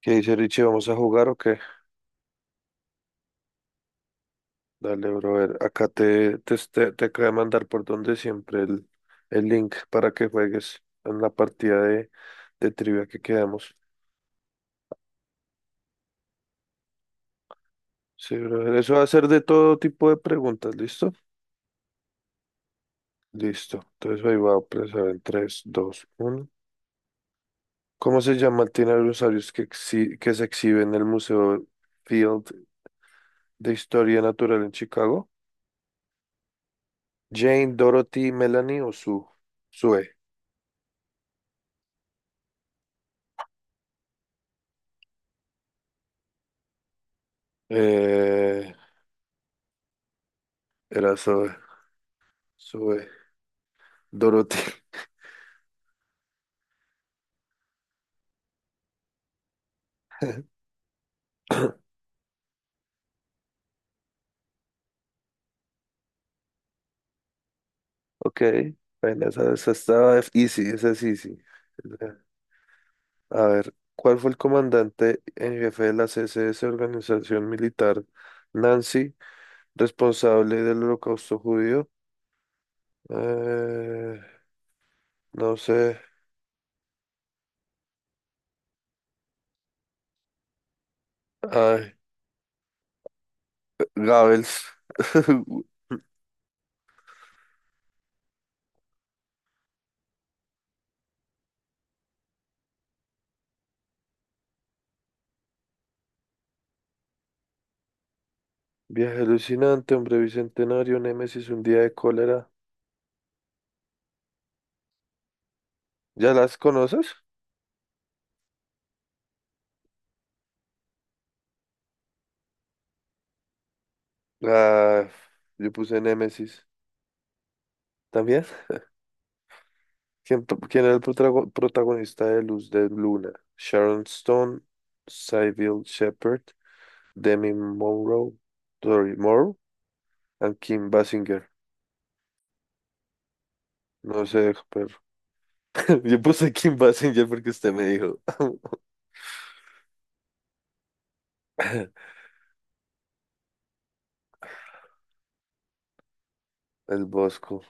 ¿Qué dice Richie? ¿Vamos a jugar o qué? Dale, brother. Acá te acabo de mandar por donde siempre el link para que juegues en la partida de trivia que quedamos. Sí, brother. Eso va a ser de todo tipo de preguntas, ¿listo? Listo. Entonces ahí va a empezar en 3, 2, 1. ¿Cómo se llama el dinosaurio que se exhibe en el Museo Field de Historia Natural en Chicago? ¿Jane, Dorothy, Melanie o Sue? Sue. Eh, Era Zoe. Sube. Dorothy. Ok. Bueno, esa estaba easy, esa es easy. Esa, sí, sí. A ver, ¿cuál fue el comandante en jefe de la CCS, organización militar Nancy, responsable del holocausto judío? Eh, no sé. Ay, Goebbels. Viaje alucinante, hombre bicentenario, Némesis, un día de cólera. ¿Ya las conoces? Ah, yo puse Némesis. ¿También? ¿Quién era el protagonista de Luz de Luna? Sharon Stone, Sybil Shepherd, Demi Monroe, Dori Moore y Kim Basinger. No sé, pero yo puse Kim Basinger porque usted me dijo. El Bosco.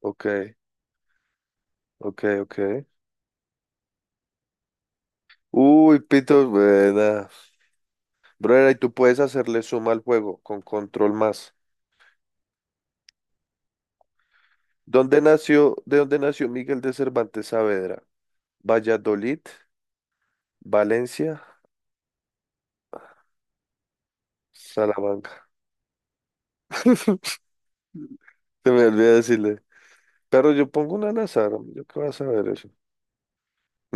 Ok, ok, ok. Uy, pitos, buena. Brother, y tú puedes hacerle suma al juego con control más. ¿De dónde nació Miguel de Cervantes Saavedra? Valladolid, Valencia. Salamanca. Se me olvidó decirle. Pero yo pongo una al azar, hombre, ¿yo qué vas a ver eso?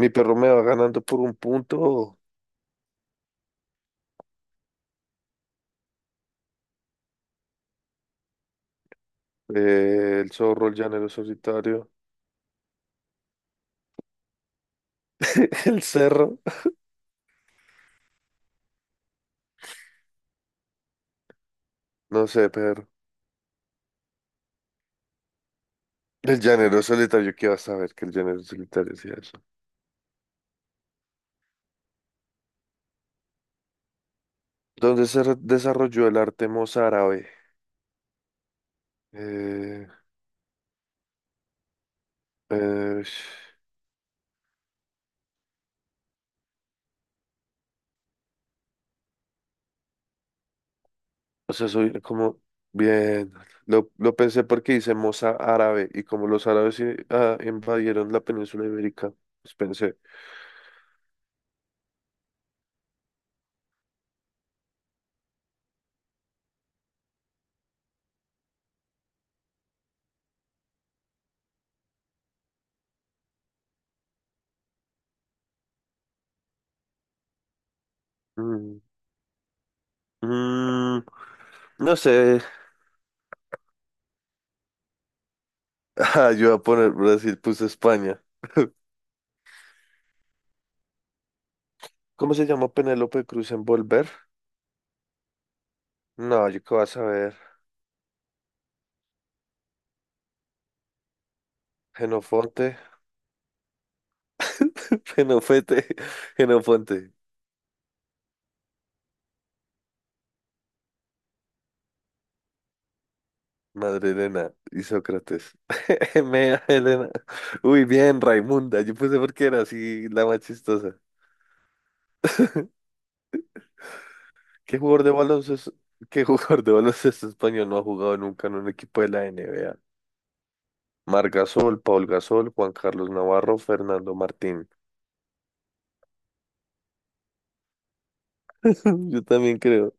Mi perro me va ganando por un punto. El zorro, el llanero solitario. El cerro. No sé, perro. El llanero solitario, ¿qué vas a ver que el llanero solitario hacía eso? Desarrolló el arte mozárabe? Eh, eh, O sea, soy como bien. Lo pensé porque hice moza árabe y como los árabes invadieron la península ibérica, pues pensé, mm, mm, no sé. Ah, yo voy a poner Brasil, puse España. ¿Cómo se llama Penélope Cruz en Volver? No, yo qué vas a ver. Genofonte, Genofete, Genofonte, Madre Elena y Sócrates. Mea Elena. Uy, bien, Raimunda. Yo puse porque era así la más chistosa. ¿Qué jugador de baloncesto, ¿Qué jugador de baloncesto español no ha jugado nunca en un equipo de la NBA? Marc Gasol, Paul Gasol, Juan Carlos Navarro, Fernando Martín. Yo también creo.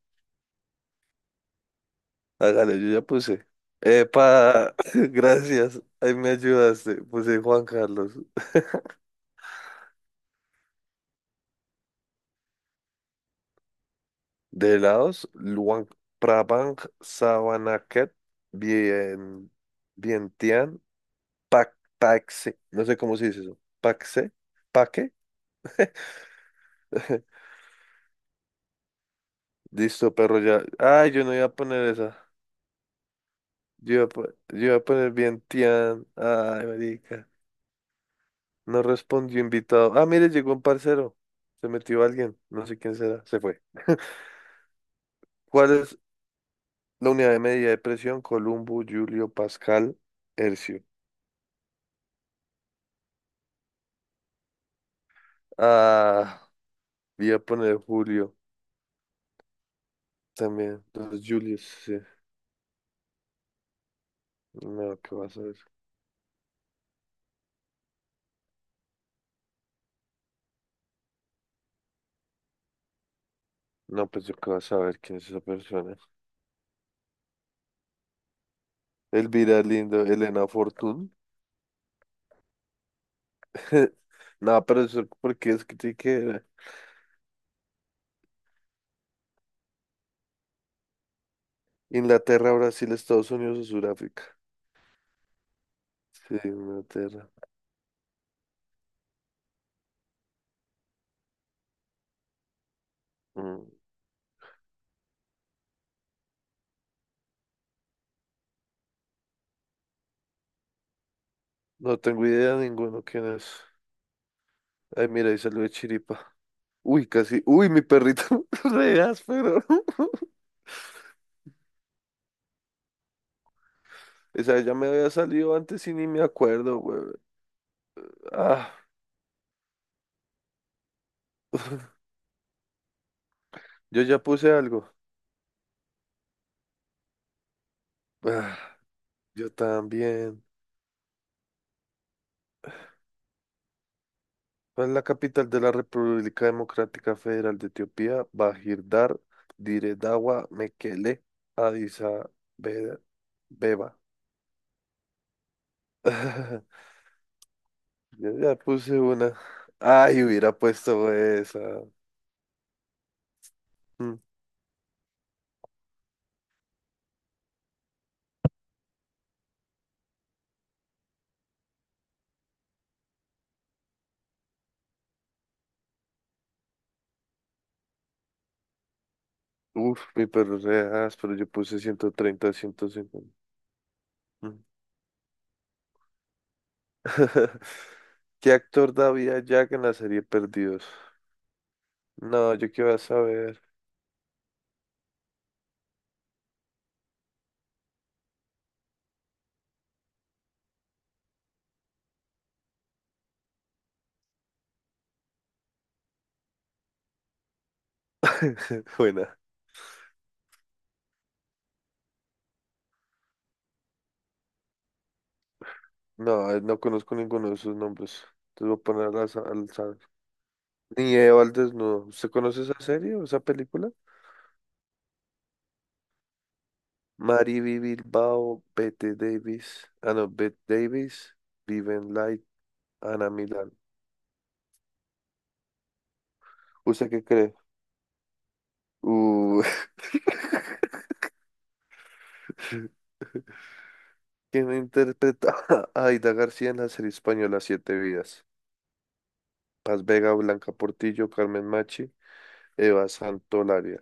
Hágale, yo ya puse. Epa, gracias. Ahí me ayudaste. Puse Juan Carlos. De Laos, Luang Prabang Savanaket, bien, Vientiane, Pacse. No sé cómo se dice eso. Paxe, Paque. Listo, perro, ya. Ay, yo no iba a poner esa. Yo iba a poner bien Tian. Ay, marica. No respondió invitado. Ah, mire, llegó un parcero. Se metió alguien. No sé quién será. Se fue. ¿Cuál es la unidad de medida de presión? Columbo, Julio, Pascal, Hercio. Ah, voy a poner Julio también. Los Julios sí. No, ¿qué vas a ver? No, pues yo qué vas a ver quién es esa persona. Elvira Lindo, Elena Fortún. No, pero eso porque es que tiene que Inglaterra, Brasil, Estados Unidos o Sudáfrica. Sí, Inglaterra. Mm, no tengo idea de ninguno quién es. Ay, mira, ahí salió de Chiripa. Uy, casi. Uy, mi perrito. Re áspero. Esa ya me había salido antes y ni me acuerdo, güey. Ah, yo ya puse algo. Ah, yo también. ¿Cuál es la capital de la República Democrática Federal de Etiopía? Bahirdar, Diredawa, Mekele, Addis Abe- Beba. Yo ya puse una. Ay, hubiera puesto esa. Mm. Uf, mi perro se dejas, pero yo puse 130, 150. Mm. ¿Qué actor da vida a Jack en la serie Perdidos? No, yo qué voy a saber. Buena. No conozco ninguno de sus nombres. Entonces voy a poner al azar. Ni Eva al desnudo. ¿Usted conoce esa serie o esa película? Mariby Bilbao, Bette Davis. Ah, no, Bette Davis, Viven Light, Ana Milán. ¿Usted qué cree? Uh, ¿quién interpreta a Aida García en la serie española Siete Vidas? Paz Vega, Blanca Portillo, Carmen Machi, Eva Santolaria.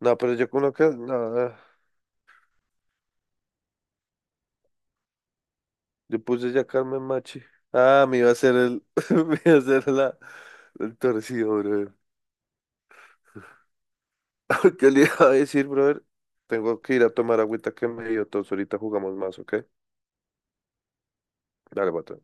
No, pero yo con lo que... No, yo puse ya Carmen Machi. Ah, me iba a hacer el... me iba a hacer la... el torcido, brother. ¿Qué le iba a decir, brother? Tengo que ir a tomar agüita que me dio tos. Ahorita jugamos más, ¿ok? Dale, bota.